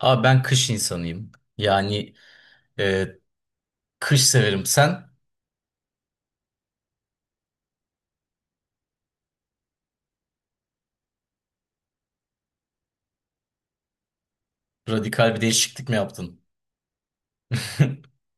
Abi ben kış insanıyım. Yani e, kış severim. Sen radikal bir değişiklik mi yaptın?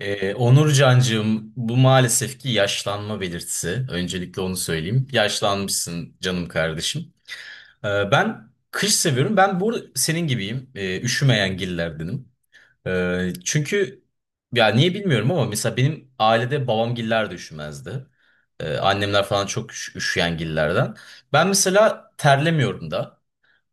e, Onur Cancığım, bu maalesef ki yaşlanma belirtisi. Öncelikle onu söyleyeyim. Yaşlanmışsın canım kardeşim. Ben kış seviyorum. Ben bu arada senin gibiyim. Üşümeyen gillerdenim. Çünkü ya niye bilmiyorum ama mesela benim ailede babam giller de üşümezdi. Annemler falan çok üşüyen gillerden. Ben mesela terlemiyorum da.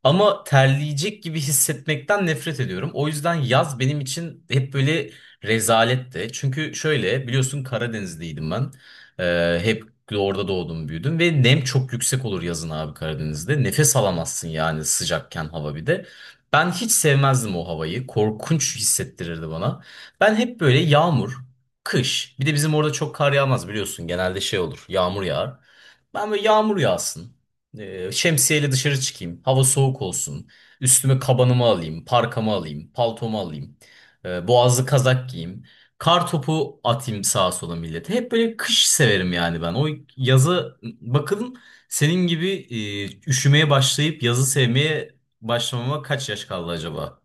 Ama terleyecek gibi hissetmekten nefret ediyorum. O yüzden yaz benim için hep böyle rezaletti. Çünkü şöyle biliyorsun Karadenizliydim ben. Hep orada doğdum büyüdüm ve nem çok yüksek olur yazın abi Karadeniz'de. Nefes alamazsın yani sıcakken hava bir de. Ben hiç sevmezdim o havayı. Korkunç hissettirirdi bana. Ben hep böyle yağmur, kış. Bir de bizim orada çok kar yağmaz biliyorsun. Genelde şey olur. Yağmur yağar. Ben böyle yağmur yağsın. Şemsiyeyle dışarı çıkayım. Hava soğuk olsun. Üstüme kabanımı alayım, parkamı alayım, paltomu alayım. Boğazlı kazak giyeyim. Kar topu atayım sağa sola millete. Hep böyle kış severim yani ben. O yazı bakın senin gibi üşümeye başlayıp yazı sevmeye başlamama kaç yaş kaldı acaba?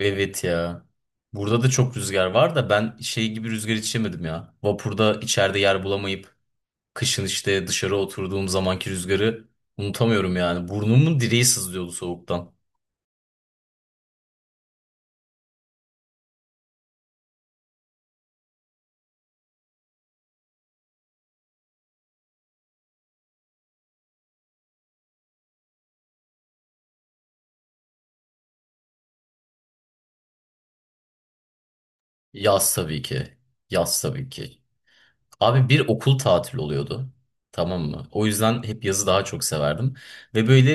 Evet ya. Burada da çok rüzgar var da ben şey gibi rüzgar içemedim ya. Vapurda içeride yer bulamayıp kışın işte dışarı oturduğum zamanki rüzgarı unutamıyorum yani. Burnumun direği sızlıyordu soğuktan. Yaz tabii ki. Yaz tabii ki. Abi bir okul tatili oluyordu. Tamam mı? O yüzden hep yazı daha çok severdim. Ve böyle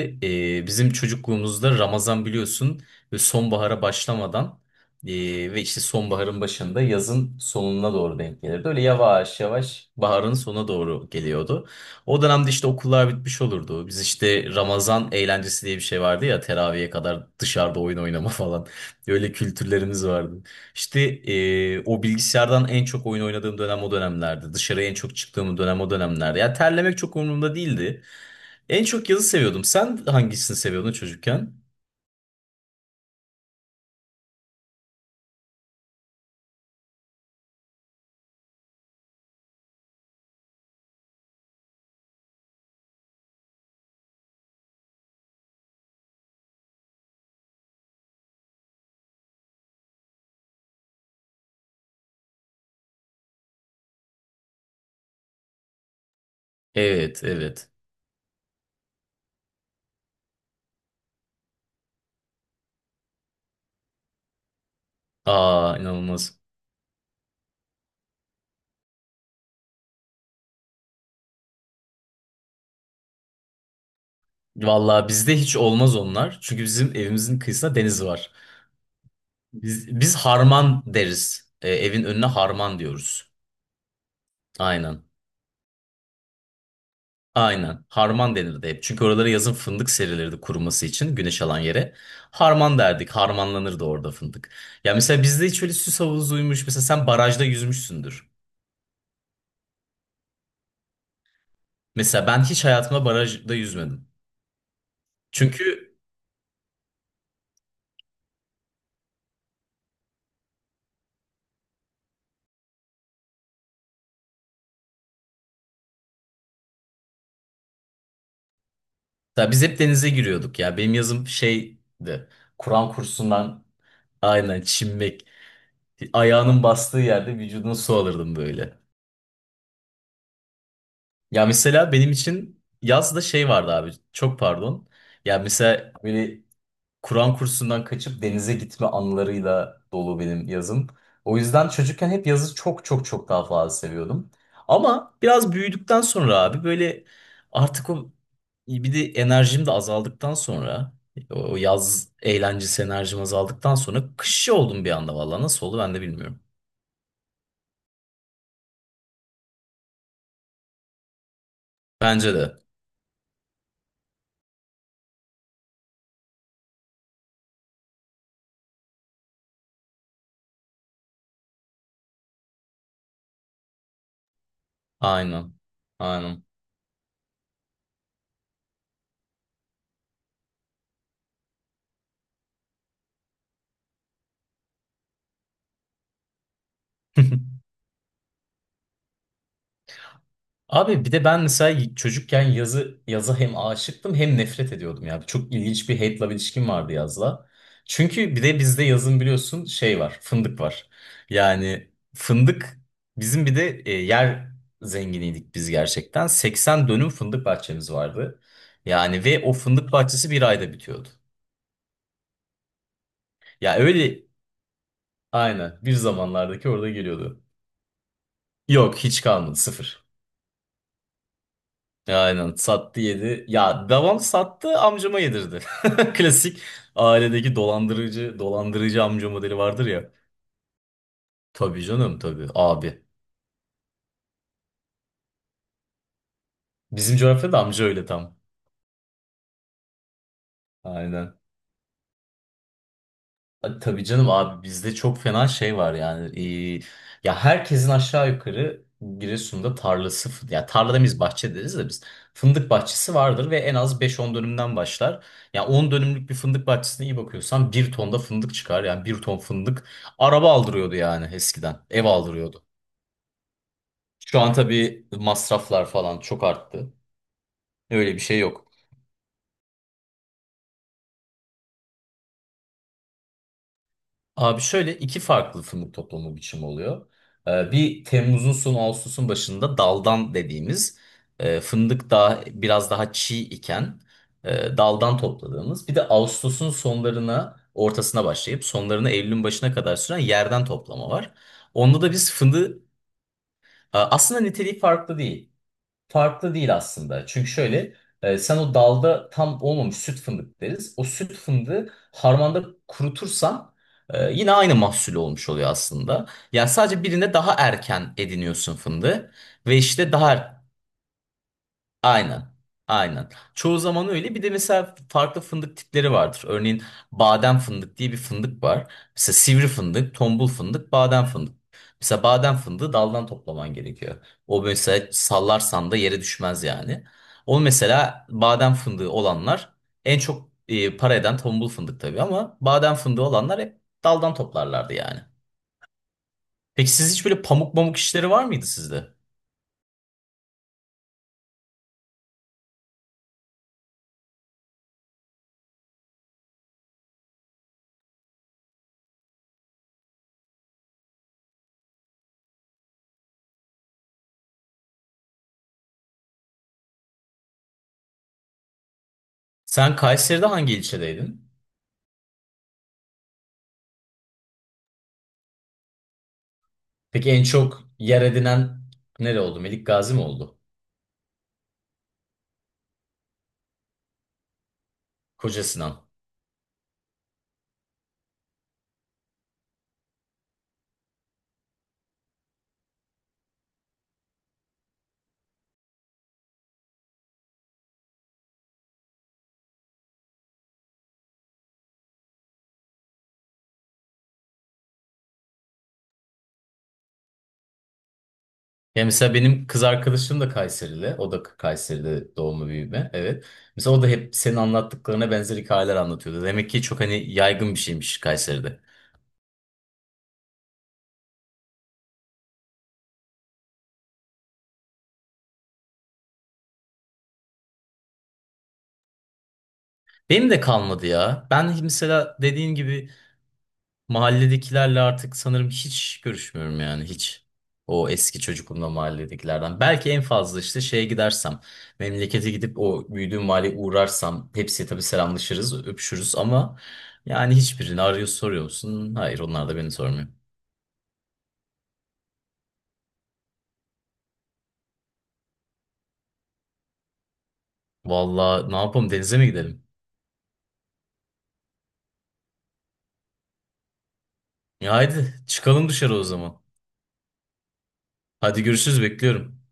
bizim çocukluğumuzda Ramazan biliyorsun ve sonbahara başlamadan e, ve işte sonbaharın başında yazın sonuna doğru denk gelirdi. Öyle yavaş yavaş baharın sona doğru geliyordu. O dönemde işte okullar bitmiş olurdu. Biz işte Ramazan eğlencesi diye bir şey vardı ya teraviye kadar dışarıda oyun oynama falan. Öyle kültürlerimiz vardı. İşte, o bilgisayardan en çok oyun oynadığım dönem o dönemlerdi. Dışarıya en çok çıktığım dönem o dönemlerdi. Ya terlemek çok umurumda değildi. En çok yazı seviyordum. Sen hangisini seviyordun çocukken? Evet, evet. Aa inanılmaz. Vallahi bizde hiç olmaz onlar. Çünkü bizim evimizin kıyısında deniz var. Biz harman deriz. Evin önüne harman diyoruz. Aynen. Aynen. Harman denirdi hep. Çünkü oralara yazın fındık serilirdi kuruması için güneş alan yere. Harman derdik. Harmanlanırdı orada fındık. Ya mesela bizde hiç öyle süs havuzuymuş. Mesela sen barajda yüzmüşsündür. Mesela ben hiç hayatımda barajda yüzmedim. Çünkü ya biz hep denize giriyorduk ya. Benim yazım şeydi. Kur'an kursundan aynen çimmek. Ayağının bastığı yerde vücuduna su alırdım böyle. Ya mesela benim için yazda şey vardı abi. Çok pardon. Ya mesela böyle Kur'an kursundan kaçıp denize gitme anılarıyla dolu benim yazım. O yüzden çocukken hep yazı çok çok çok daha fazla seviyordum. Ama biraz büyüdükten sonra abi böyle artık o bir de enerjim de azaldıktan sonra o yaz eğlencesi enerjim azaldıktan sonra kışçı oldum bir anda vallahi nasıl oldu ben de bilmiyorum. Bence de. Aynen. Aynen. Abi bir de ben mesela çocukken yazı yaza hem aşıktım hem nefret ediyordum ya. Çok ilginç bir hate love ilişkim vardı yazla. Çünkü bir de bizde yazın biliyorsun şey var, fındık var. Yani fındık bizim bir de yer zenginiydik biz gerçekten. 80 dönüm fındık bahçemiz vardı. Yani ve o fındık bahçesi bir ayda bitiyordu. Ya öyle aynen bir zamanlardaki orada geliyordu. Yok hiç kalmadı sıfır. Ya aynen sattı yedi. Ya devam sattı amcama yedirdi. Klasik ailedeki dolandırıcı amca modeli vardır ya. Tabii canım tabii abi. Bizim coğrafyada amca öyle tam. Aynen. Tabii canım abi bizde çok fena şey var yani. Ee, Ya herkesin aşağı yukarı Giresun'da tarlası, ya tarla demeyiz bahçe deriz de biz fındık bahçesi vardır ve en az beş on dönümden başlar. Ya 10 dönümlük bir fındık bahçesine iyi bakıyorsan bir tonda fındık çıkar. Yani bir ton fındık araba aldırıyordu yani eskiden. Ev aldırıyordu. Şu an tabii masraflar falan çok arttı. Öyle bir şey yok. Abi şöyle iki farklı fındık toplama biçimi oluyor. Bir Temmuz'un son Ağustos'un başında daldan dediğimiz, fındık daha biraz daha çiğ iken daldan topladığımız. Bir de Ağustos'un sonlarına ortasına başlayıp sonlarına Eylül'ün başına kadar süren yerden toplama var. Onda da biz aslında niteliği farklı değil aslında. Çünkü şöyle sen o dalda tam olmamış süt fındık deriz. O süt fındığı harmanda kurutursan yine aynı mahsul olmuş oluyor aslında. Yani sadece birinde daha erken ediniyorsun fındığı ve işte daha aynen. Aynen. Çoğu zaman öyle. Bir de mesela farklı fındık tipleri vardır. Örneğin badem fındık diye bir fındık var. Mesela sivri fındık, tombul fındık, badem fındık. Mesela badem fındığı daldan toplaman gerekiyor. O mesela sallarsan da yere düşmez yani. O mesela badem fındığı olanlar en çok para eden tombul fındık tabii ama badem fındığı olanlar hep daldan toplarlardı yani. Peki siz hiç böyle pamuk pamuk işleri var mıydı sizde? Sen Kayseri'de hangi ilçedeydin? Peki en çok yer edinen nere oldu? Melik Gazi mi oldu? Koca Sinan. Ya mesela benim kız arkadaşım da Kayserili. O da Kayseri'de doğma büyüme. Evet. Mesela o da hep senin anlattıklarına benzer hikayeler anlatıyordu. Demek ki çok hani yaygın bir şeymiş Kayseri'de. Benim de kalmadı ya. Ben mesela dediğin gibi mahalledekilerle artık sanırım hiç görüşmüyorum yani hiç. O eski çocukluğumda mahalledekilerden. Belki en fazla işte şeye gidersem, memlekete gidip o büyüdüğüm mahalleye uğrarsam hepsiyle tabii selamlaşırız, öpüşürüz ama yani hiçbirini arıyor soruyor musun? Hayır onlar da beni sormuyor. Vallahi ne yapalım denize mi gidelim? Ya haydi çıkalım dışarı o zaman. Hadi görüşürüz bekliyorum.